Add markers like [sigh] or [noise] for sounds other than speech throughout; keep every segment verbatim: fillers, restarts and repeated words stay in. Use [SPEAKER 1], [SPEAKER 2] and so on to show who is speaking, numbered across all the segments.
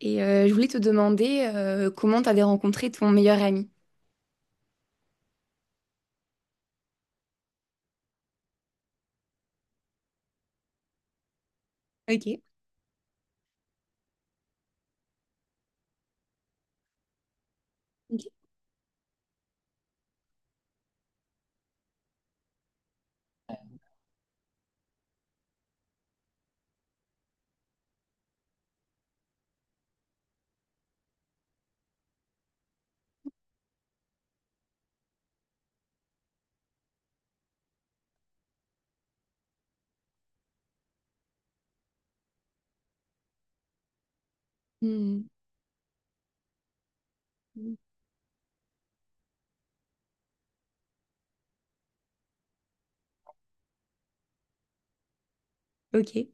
[SPEAKER 1] Et euh, je voulais te demander euh, comment t'avais rencontré ton meilleur ami. Ok. Ok. Hmm. Mm. Ok.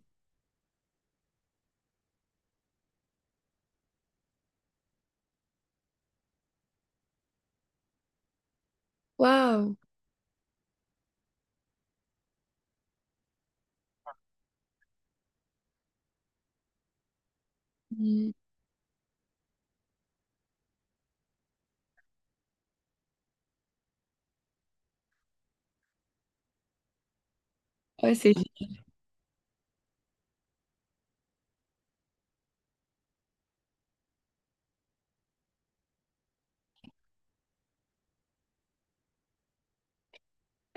[SPEAKER 1] Waouh. Mm. Ouais, c'est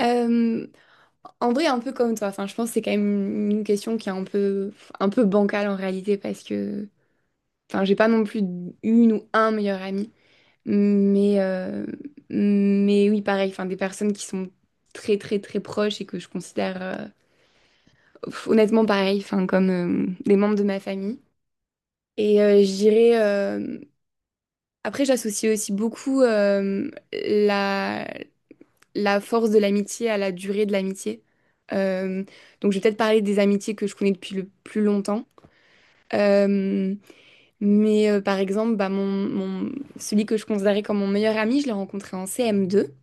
[SPEAKER 1] Euh, en vrai, un peu comme toi. Enfin, je pense que c'est quand même une question qui est un peu, un peu bancale en réalité parce que, enfin, j'ai pas non plus une ou un meilleur ami, mais, euh, mais oui, pareil. Enfin, des personnes qui sont très, très, très proches et que je considère euh, honnêtement pareil, enfin, comme euh, des membres de ma famille. Et euh, je dirais euh, Après, j'associe aussi beaucoup euh, la, la force de l'amitié à la durée de l'amitié. Euh, donc, je vais peut-être parler des amitiés que je connais depuis le plus longtemps. Euh, mais euh, par exemple, bah, mon, mon- celui que je considérais comme mon meilleur ami, je l'ai rencontré en C M deux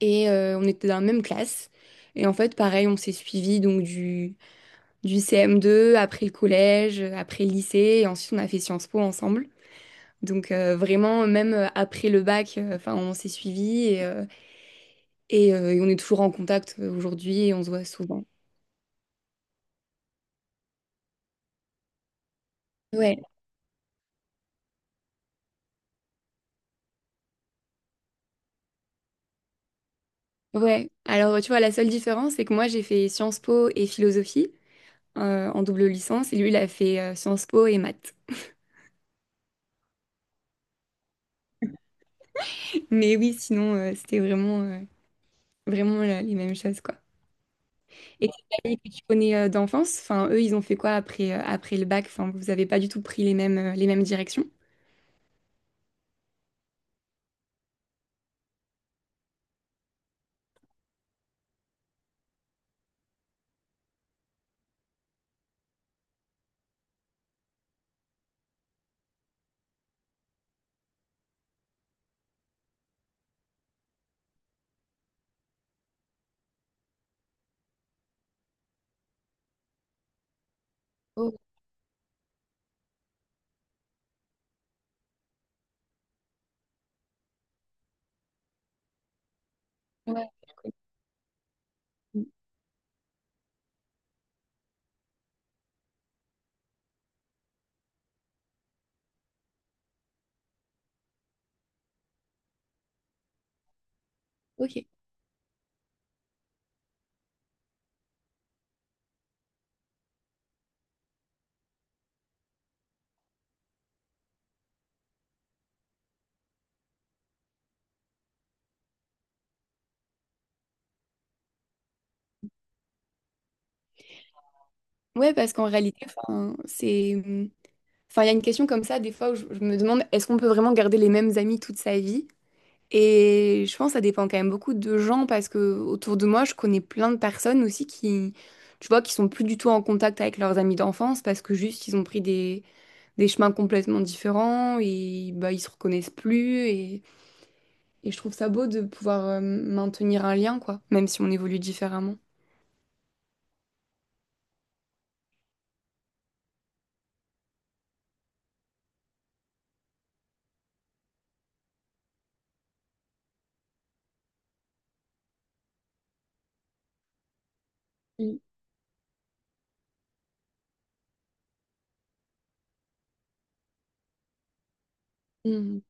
[SPEAKER 1] et euh, on était dans la même classe. Et en fait, pareil, on s'est suivis donc du, du, C M deux, après le collège, après le lycée, et ensuite on a fait Sciences Po ensemble. Donc euh, vraiment, même euh, après le bac, euh, enfin, on s'est suivis et, euh, et, euh, et on est toujours en contact euh, aujourd'hui et on se voit souvent. Ouais, ouais. Alors tu vois, la seule différence, c'est que moi j'ai fait Sciences Po et philosophie euh, en double licence et lui il a fait euh, Sciences Po et maths. Mais oui, sinon euh, c'était vraiment, euh, vraiment la- les mêmes choses quoi. Et tes amis que tu connais euh, d'enfance, enfin eux ils ont fait quoi après, euh, après le bac? Enfin vous avez pas du tout pris les mêmes, euh, les mêmes directions? Oh, ouais. Ok. Ouais, parce qu'en réalité, enfin, c'est Enfin, il y a une question comme ça, des fois, où je, je me demande, est-ce qu'on peut vraiment garder les mêmes amis toute sa vie? Et je pense que ça dépend quand même beaucoup de gens, parce que autour de moi, je connais plein de personnes aussi qui, tu vois, qui sont plus du tout en contact avec leurs amis d'enfance, parce que juste, ils ont pris des, des chemins complètement différents, et bah, ils se reconnaissent plus, et, et je trouve ça beau de pouvoir euh, maintenir un lien, quoi, même si on évolue différemment. Mm. Mm,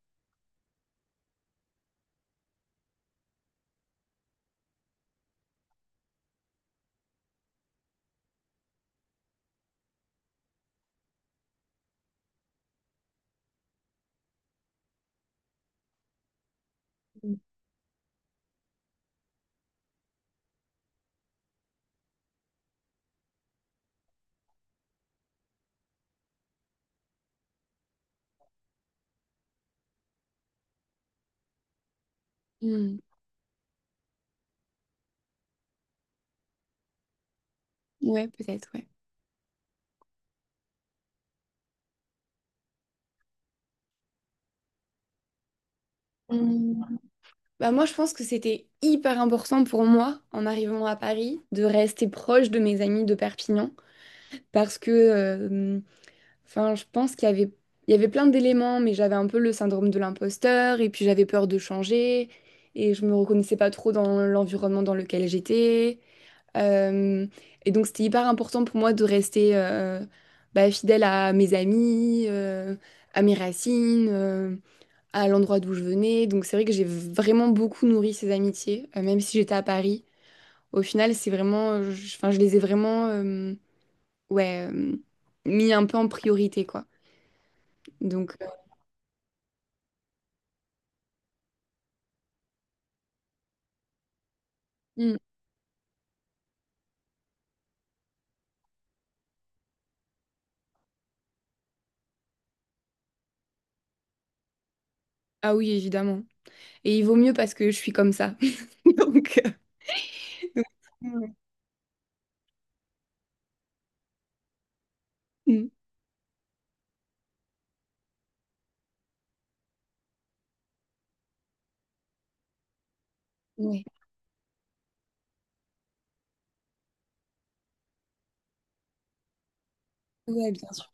[SPEAKER 1] mm. Ouais, peut-être, ouais. Bah moi, je pense que c'était hyper important pour moi, en arrivant à Paris, de rester proche de mes amis de Perpignan. Parce que, euh, enfin, je pense qu'il y avait, il y avait plein d'éléments, mais j'avais un peu le syndrome de l'imposteur, et puis j'avais peur de changer, et je me reconnaissais pas trop dans l'environnement dans lequel j'étais. Euh, et donc, c'était hyper important pour moi de rester euh, bah, fidèle à mes amis, euh, à mes racines. Euh, à l'endroit d'où je venais. Donc c'est vrai que j'ai vraiment beaucoup nourri ces amitiés, euh, même si j'étais à Paris. Au final, c'est vraiment, euh, je, enfin, je les ai vraiment, euh, ouais, euh, mis un peu en priorité, quoi. Donc, euh, mm. ah oui, évidemment. Et il vaut mieux parce que je suis comme ça. [laughs] Donc, euh, donc, mm. Mm. Ouais. Ouais, bien sûr.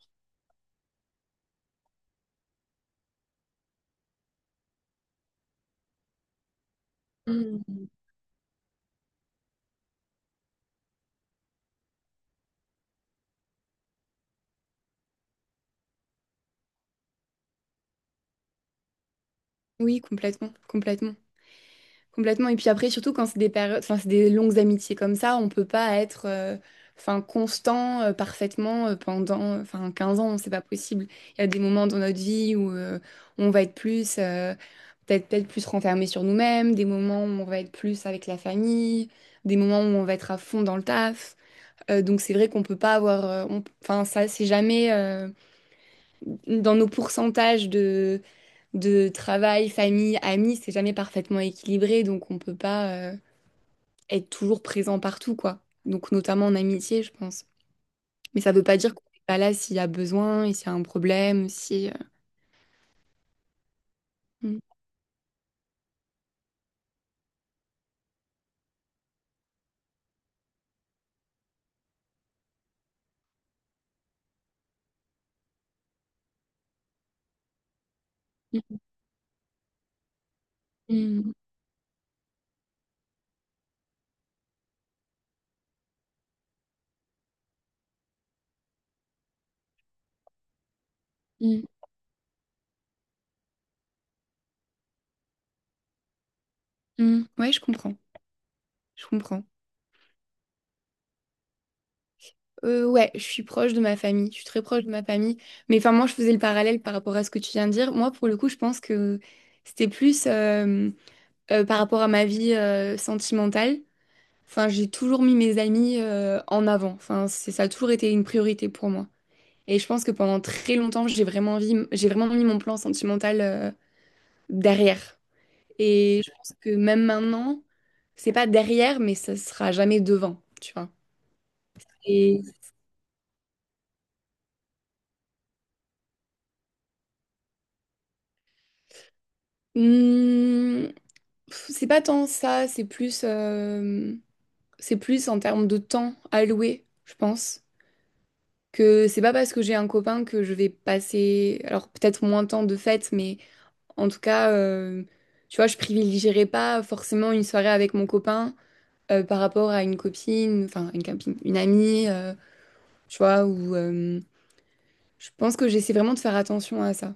[SPEAKER 1] Oui, complètement, complètement. Complètement. Et puis après, surtout quand c'est des périodes, enfin, c'est des longues amitiés comme ça, on peut pas être euh, enfin, constant euh, parfaitement euh, pendant euh, enfin, quinze ans, c'est pas possible. Il y a des moments dans notre vie où euh, on va être plus, euh, peut-être peut-être plus renfermé sur nous-mêmes, des moments où on va être plus avec la famille, des moments où on va être à fond dans le taf. Euh, donc c'est vrai qu'on peut pas avoir, euh, on- enfin ça c'est jamais euh, dans nos pourcentages de de travail, famille, amis, c'est jamais parfaitement équilibré, donc on peut pas. euh, être toujours présent partout, quoi. Donc, notamment en amitié, je pense. Mais ça veut pas dire qu'on n'est pas là s'il y a besoin et s'il y a un problème, si... euh, Mm, mm, mm, mm. Mm. Ouais, je comprends. Je comprends. Euh, ouais, je suis proche de ma famille. Je suis très proche de ma famille. Mais enfin, moi, je faisais le parallèle par rapport à ce que tu viens de dire. Moi, pour le coup, je pense que c'était plus euh, euh, par rapport à ma vie euh, sentimentale. Enfin, j'ai toujours mis mes amis euh, en avant. Enfin, c'est, ça a toujours été une priorité pour moi. Et je pense que pendant très longtemps, j'ai vraiment envie- j'ai vraiment mis mon plan sentimental euh, derrière. Et je pense que même maintenant, c'est pas derrière, mais ça sera jamais devant, tu vois. Et hmm, pff, c'est pas tant ça, c'est plus, euh, c'est plus en termes de temps alloué, je pense. Que c'est pas parce que j'ai un copain que je vais passer, alors peut-être moins de temps de fête, mais en tout cas, euh, tu vois, je privilégierai pas forcément une soirée avec mon copain euh, par rapport à une copine, enfin une copine, une amie, euh, tu vois, ou euh, je pense que j'essaie vraiment de faire attention à ça.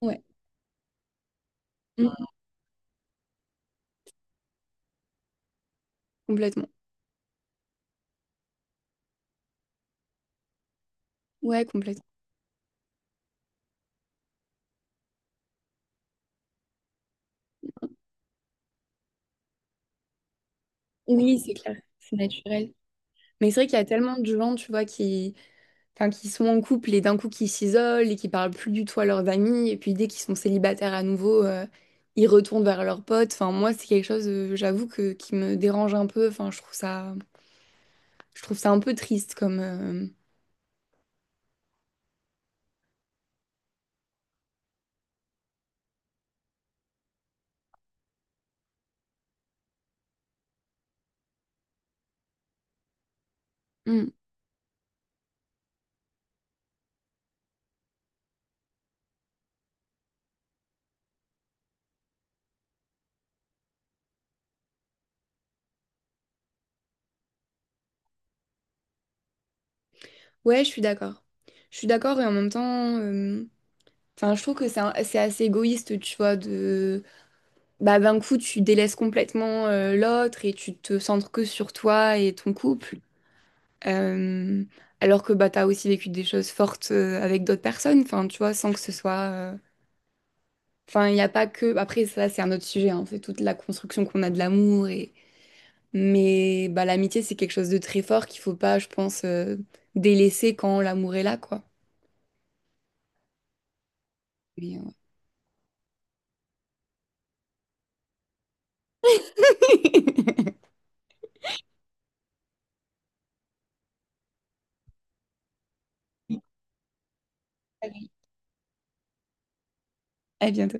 [SPEAKER 1] Ouais. Mm, complètement. Ouais, complètement. Oui, c'est clair, c'est naturel. Mais c'est vrai qu'il y a tellement de gens, tu vois, qui, enfin, qui sont en couple et d'un coup qui s'isolent et qui parlent plus du tout à leurs amis. Et puis dès qu'ils sont célibataires à nouveau, euh, ils retournent vers leurs potes. Enfin, moi, c'est quelque chose, euh, j'avoue, que, qui me dérange un peu. Enfin, je trouve ça, je trouve ça un peu triste comme. euh, Ouais, je suis d'accord. Je suis d'accord et en même temps, euh, enfin, je trouve que c'est un- c'est assez égoïste, tu vois, de bah d'un coup tu délaisses complètement euh, l'autre et tu te centres que sur toi et ton couple. Euh, alors que bah t'as aussi vécu des choses fortes euh, avec d'autres personnes, enfin, tu vois, sans que ce soit, euh, enfin, il n'y a pas que. Après, ça c'est un autre sujet, hein, c'est toute la construction qu'on a de l'amour et Mais bah l'amitié c'est quelque chose de très fort qu'il faut pas, je pense, euh, délaisser quand l'amour est là, quoi. Mais, euh, [laughs] À bientôt.